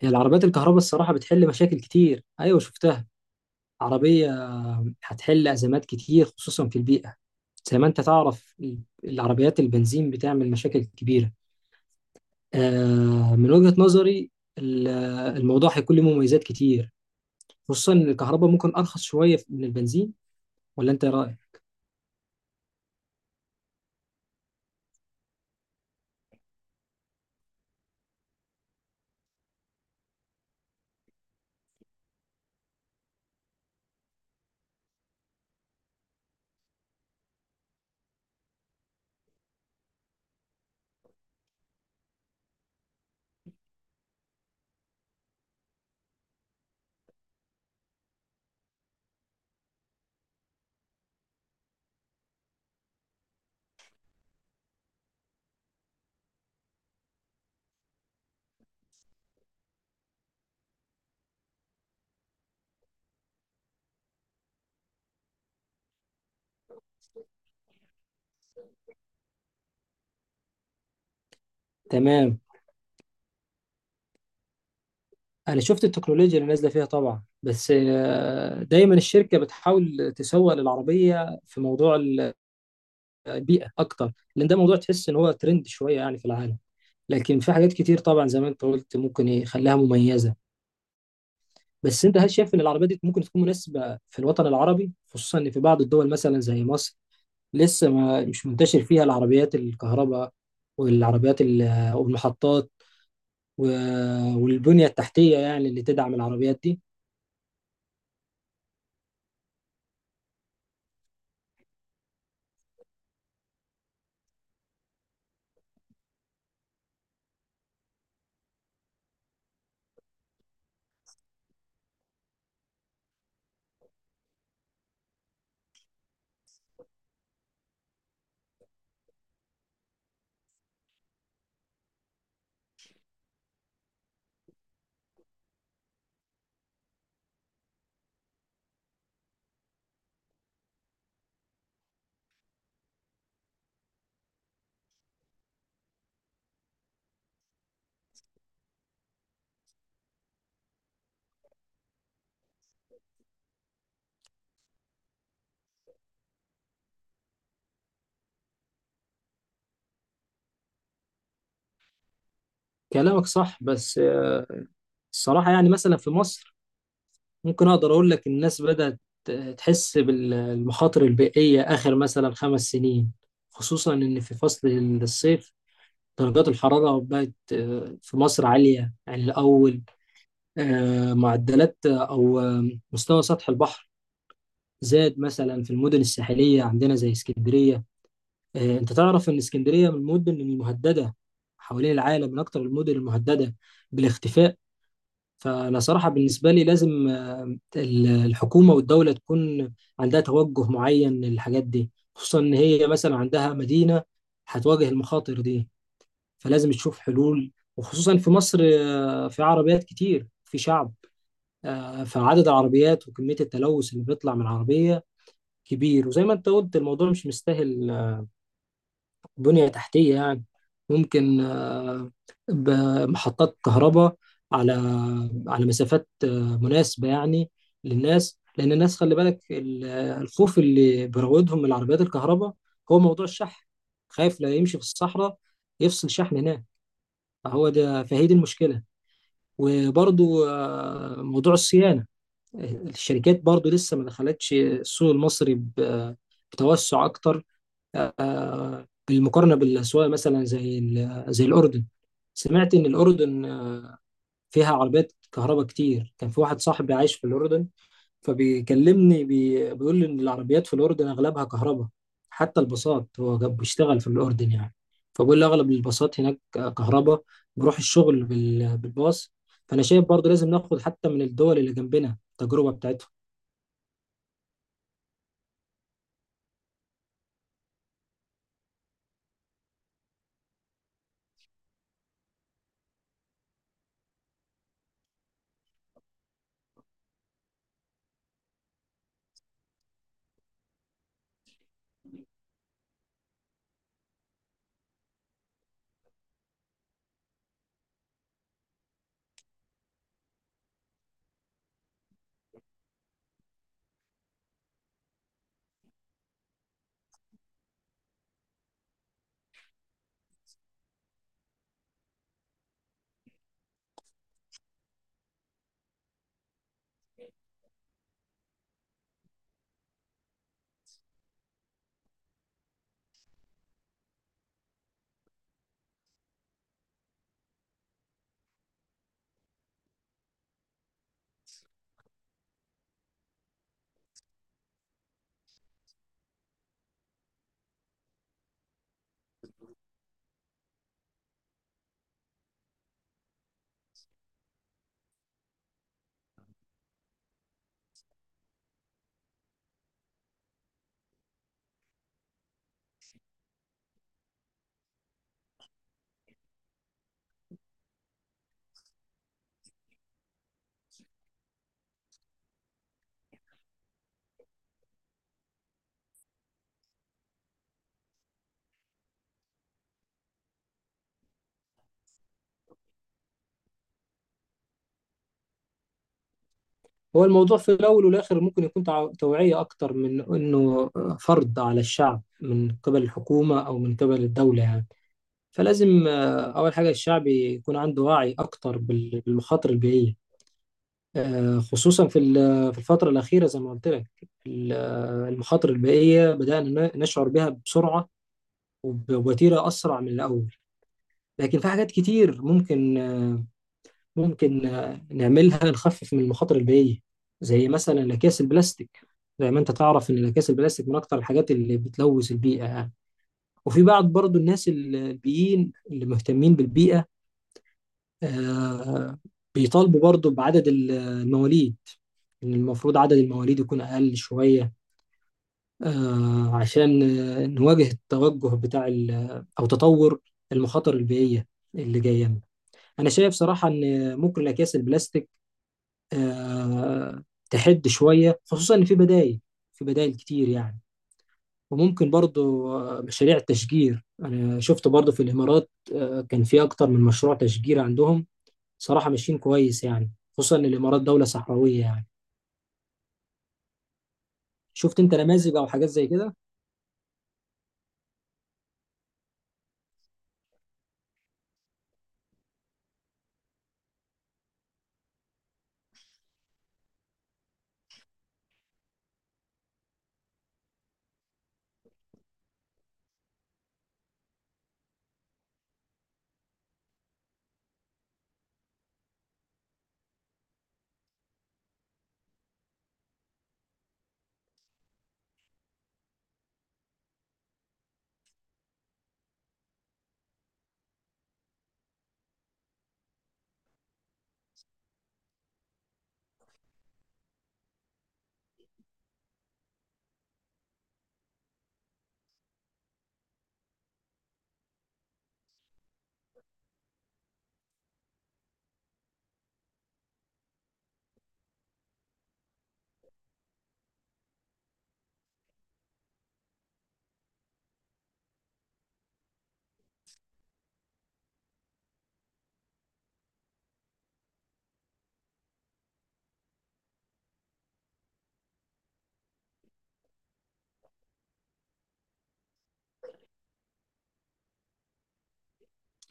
هي العربيات الكهرباء الصراحة بتحل مشاكل كتير، أيوة شفتها. عربية هتحل أزمات كتير خصوصا في البيئة. زي ما أنت تعرف العربيات البنزين بتعمل مشاكل كبيرة. من وجهة نظري ال- الموضوع هيكون له مميزات كتير، خصوصا إن الكهرباء ممكن أرخص شوية من البنزين. ولا أنت إيه رأيك؟ تمام. أنا شفت التكنولوجيا اللي نازلة فيها طبعا، بس دايما الشركة بتحاول تسوق للعربية في موضوع البيئة أكتر، لأن ده موضوع تحس إن هو ترند شوية يعني في العالم. لكن في حاجات كتير طبعا زي ما انت قلت ممكن يخليها مميزه. بس انت هل شايف ان العربيه دي ممكن تكون مناسبه في الوطن العربي، خصوصا ان في بعض الدول مثلا زي مصر لسه ما مش منتشر فيها العربيات الكهرباء والعربيات والمحطات والبنيه التحتيه يعني اللي تدعم العربيات دي؟ كلامك صح، بس الصراحه يعني مثلا في مصر ممكن اقدر اقول لك الناس بدات تحس بالمخاطر البيئيه اخر مثلا 5 سنين، خصوصا ان في فصل الصيف درجات الحرارة بقت في مصر عالية عن الأول. معدلات أو مستوى سطح البحر زاد مثلا في المدن الساحلية عندنا زي اسكندرية. أنت تعرف إن اسكندرية من المدن المهددة حوالين العالم، من أكثر المدن المهددة بالاختفاء. فأنا صراحة بالنسبة لي لازم الحكومة والدولة تكون عندها توجه معين للحاجات دي، خصوصا إن هي مثلا عندها مدينة هتواجه المخاطر دي، فلازم تشوف حلول. وخصوصا في مصر في عربيات كتير، في شعب، فعدد العربيات وكمية التلوث اللي بيطلع من العربية كبير. وزي ما انت قلت الموضوع مش مستاهل بنية تحتية يعني، ممكن بمحطات كهرباء على مسافات مناسبة يعني للناس. لأن الناس خلي بالك الخوف اللي بيراودهم من العربيات الكهرباء هو موضوع الشحن، خايف لا يمشي في الصحراء يفصل شحن هناك. فهو ده فهي دي المشكلة. وبرضو موضوع الصيانة، الشركات برضو لسه ما دخلتش السوق المصري بتوسع أكتر، بالمقارنة بالأسواق مثلا زي الأردن. سمعت إن الأردن فيها عربيات كهرباء كتير. كان في واحد صاحبي عايش في الأردن، فبيكلمني بيقول لي ان العربيات في الاردن اغلبها كهرباء. حتى الباصات، هو بيشتغل في الاردن يعني، فبيقول لي اغلب الباصات هناك كهرباء، بروح الشغل بالباص. فانا شايف برضو لازم ناخد حتى من الدول اللي جنبنا التجربه بتاعتهم. هو الموضوع في الاول والاخر ممكن يكون توعيه اكتر من انه فرض على الشعب من قبل الحكومه او من قبل الدوله يعني. فلازم اول حاجه الشعب يكون عنده وعي اكتر بالمخاطر البيئيه. خصوصا في الفترة الأخيرة، زي ما قلت لك المخاطر البيئية بدأنا نشعر بها بسرعة، وبوتيرة أسرع من الأول. لكن في حاجات كتير ممكن نعملها نخفف من المخاطر البيئية، زي مثلا الأكياس البلاستيك. زي ما أنت تعرف إن الأكياس البلاستيك من أكتر الحاجات اللي بتلوث البيئة يعني. وفي بعض برضو الناس البيئيين اللي مهتمين بالبيئة آه، بيطالبوا برضو بعدد المواليد، إن المفروض عدد المواليد يكون أقل شوية، عشان نواجه التوجه بتاع أو تطور المخاطر البيئية اللي جاية لنا. أنا شايف صراحة إن ممكن الأكياس البلاستيك آه، تحد شوية، خصوصا إن في بدايل كتير يعني. وممكن برضو مشاريع التشجير، أنا شفت برضو في الإمارات كان في أكتر من مشروع تشجير عندهم، صراحة ماشيين كويس يعني، خصوصا إن الإمارات دولة صحراوية يعني. شفت أنت نماذج أو حاجات زي كده؟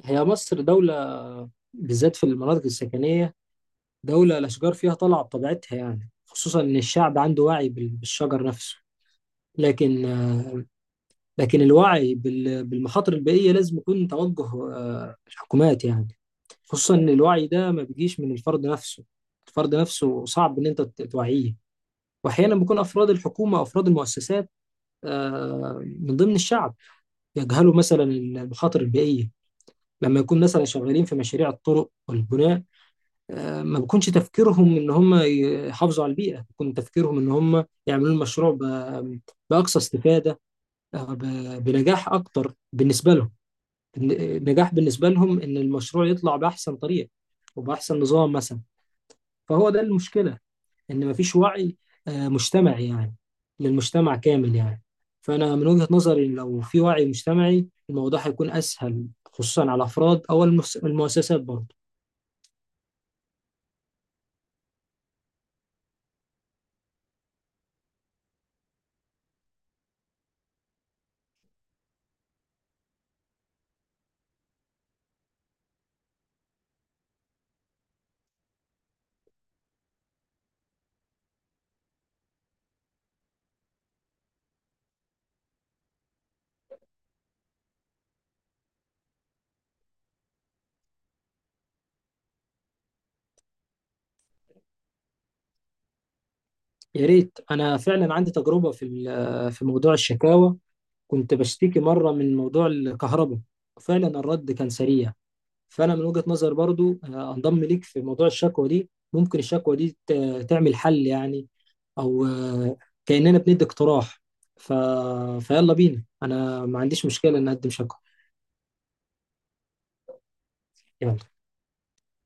هي مصر دولة، بالذات في المناطق السكنية، دولة الأشجار فيها طالعة بطبيعتها يعني، خصوصا إن الشعب عنده وعي بالشجر نفسه. لكن لكن الوعي بالمخاطر البيئية لازم يكون توجه الحكومات يعني، خصوصا إن الوعي ده ما بيجيش من الفرد نفسه، الفرد نفسه صعب إن أنت توعيه. وأحيانا بيكون أفراد الحكومة أفراد المؤسسات من ضمن الشعب يجهلوا مثلا المخاطر البيئية، لما يكون مثلا شغالين في مشاريع الطرق والبناء ما بيكونش تفكيرهم ان هم يحافظوا على البيئه، بيكون تفكيرهم ان هم يعملوا المشروع باقصى استفاده، بنجاح اكتر بالنسبه لهم. النجاح بالنسبه لهم ان المشروع يطلع باحسن طريقه وباحسن نظام مثلا. فهو ده المشكله، ان مفيش وعي مجتمعي يعني، للمجتمع كامل يعني. فانا من وجهه نظري لو في وعي مجتمعي الموضوع هيكون اسهل، خصوصا على الافراد او المؤسسات برضه. يا ريت. انا فعلا عندي تجربه في موضوع الشكاوى، كنت بشتكي مره من موضوع الكهرباء، فعلا الرد كان سريع. فانا من وجهه نظر برضو انضم ليك في موضوع الشكوى دي، ممكن الشكوى دي تعمل حل يعني، او كاننا بندي اقتراح. ف... فيلا بينا، انا ما عنديش مشكله ان اقدم شكوى. يلا.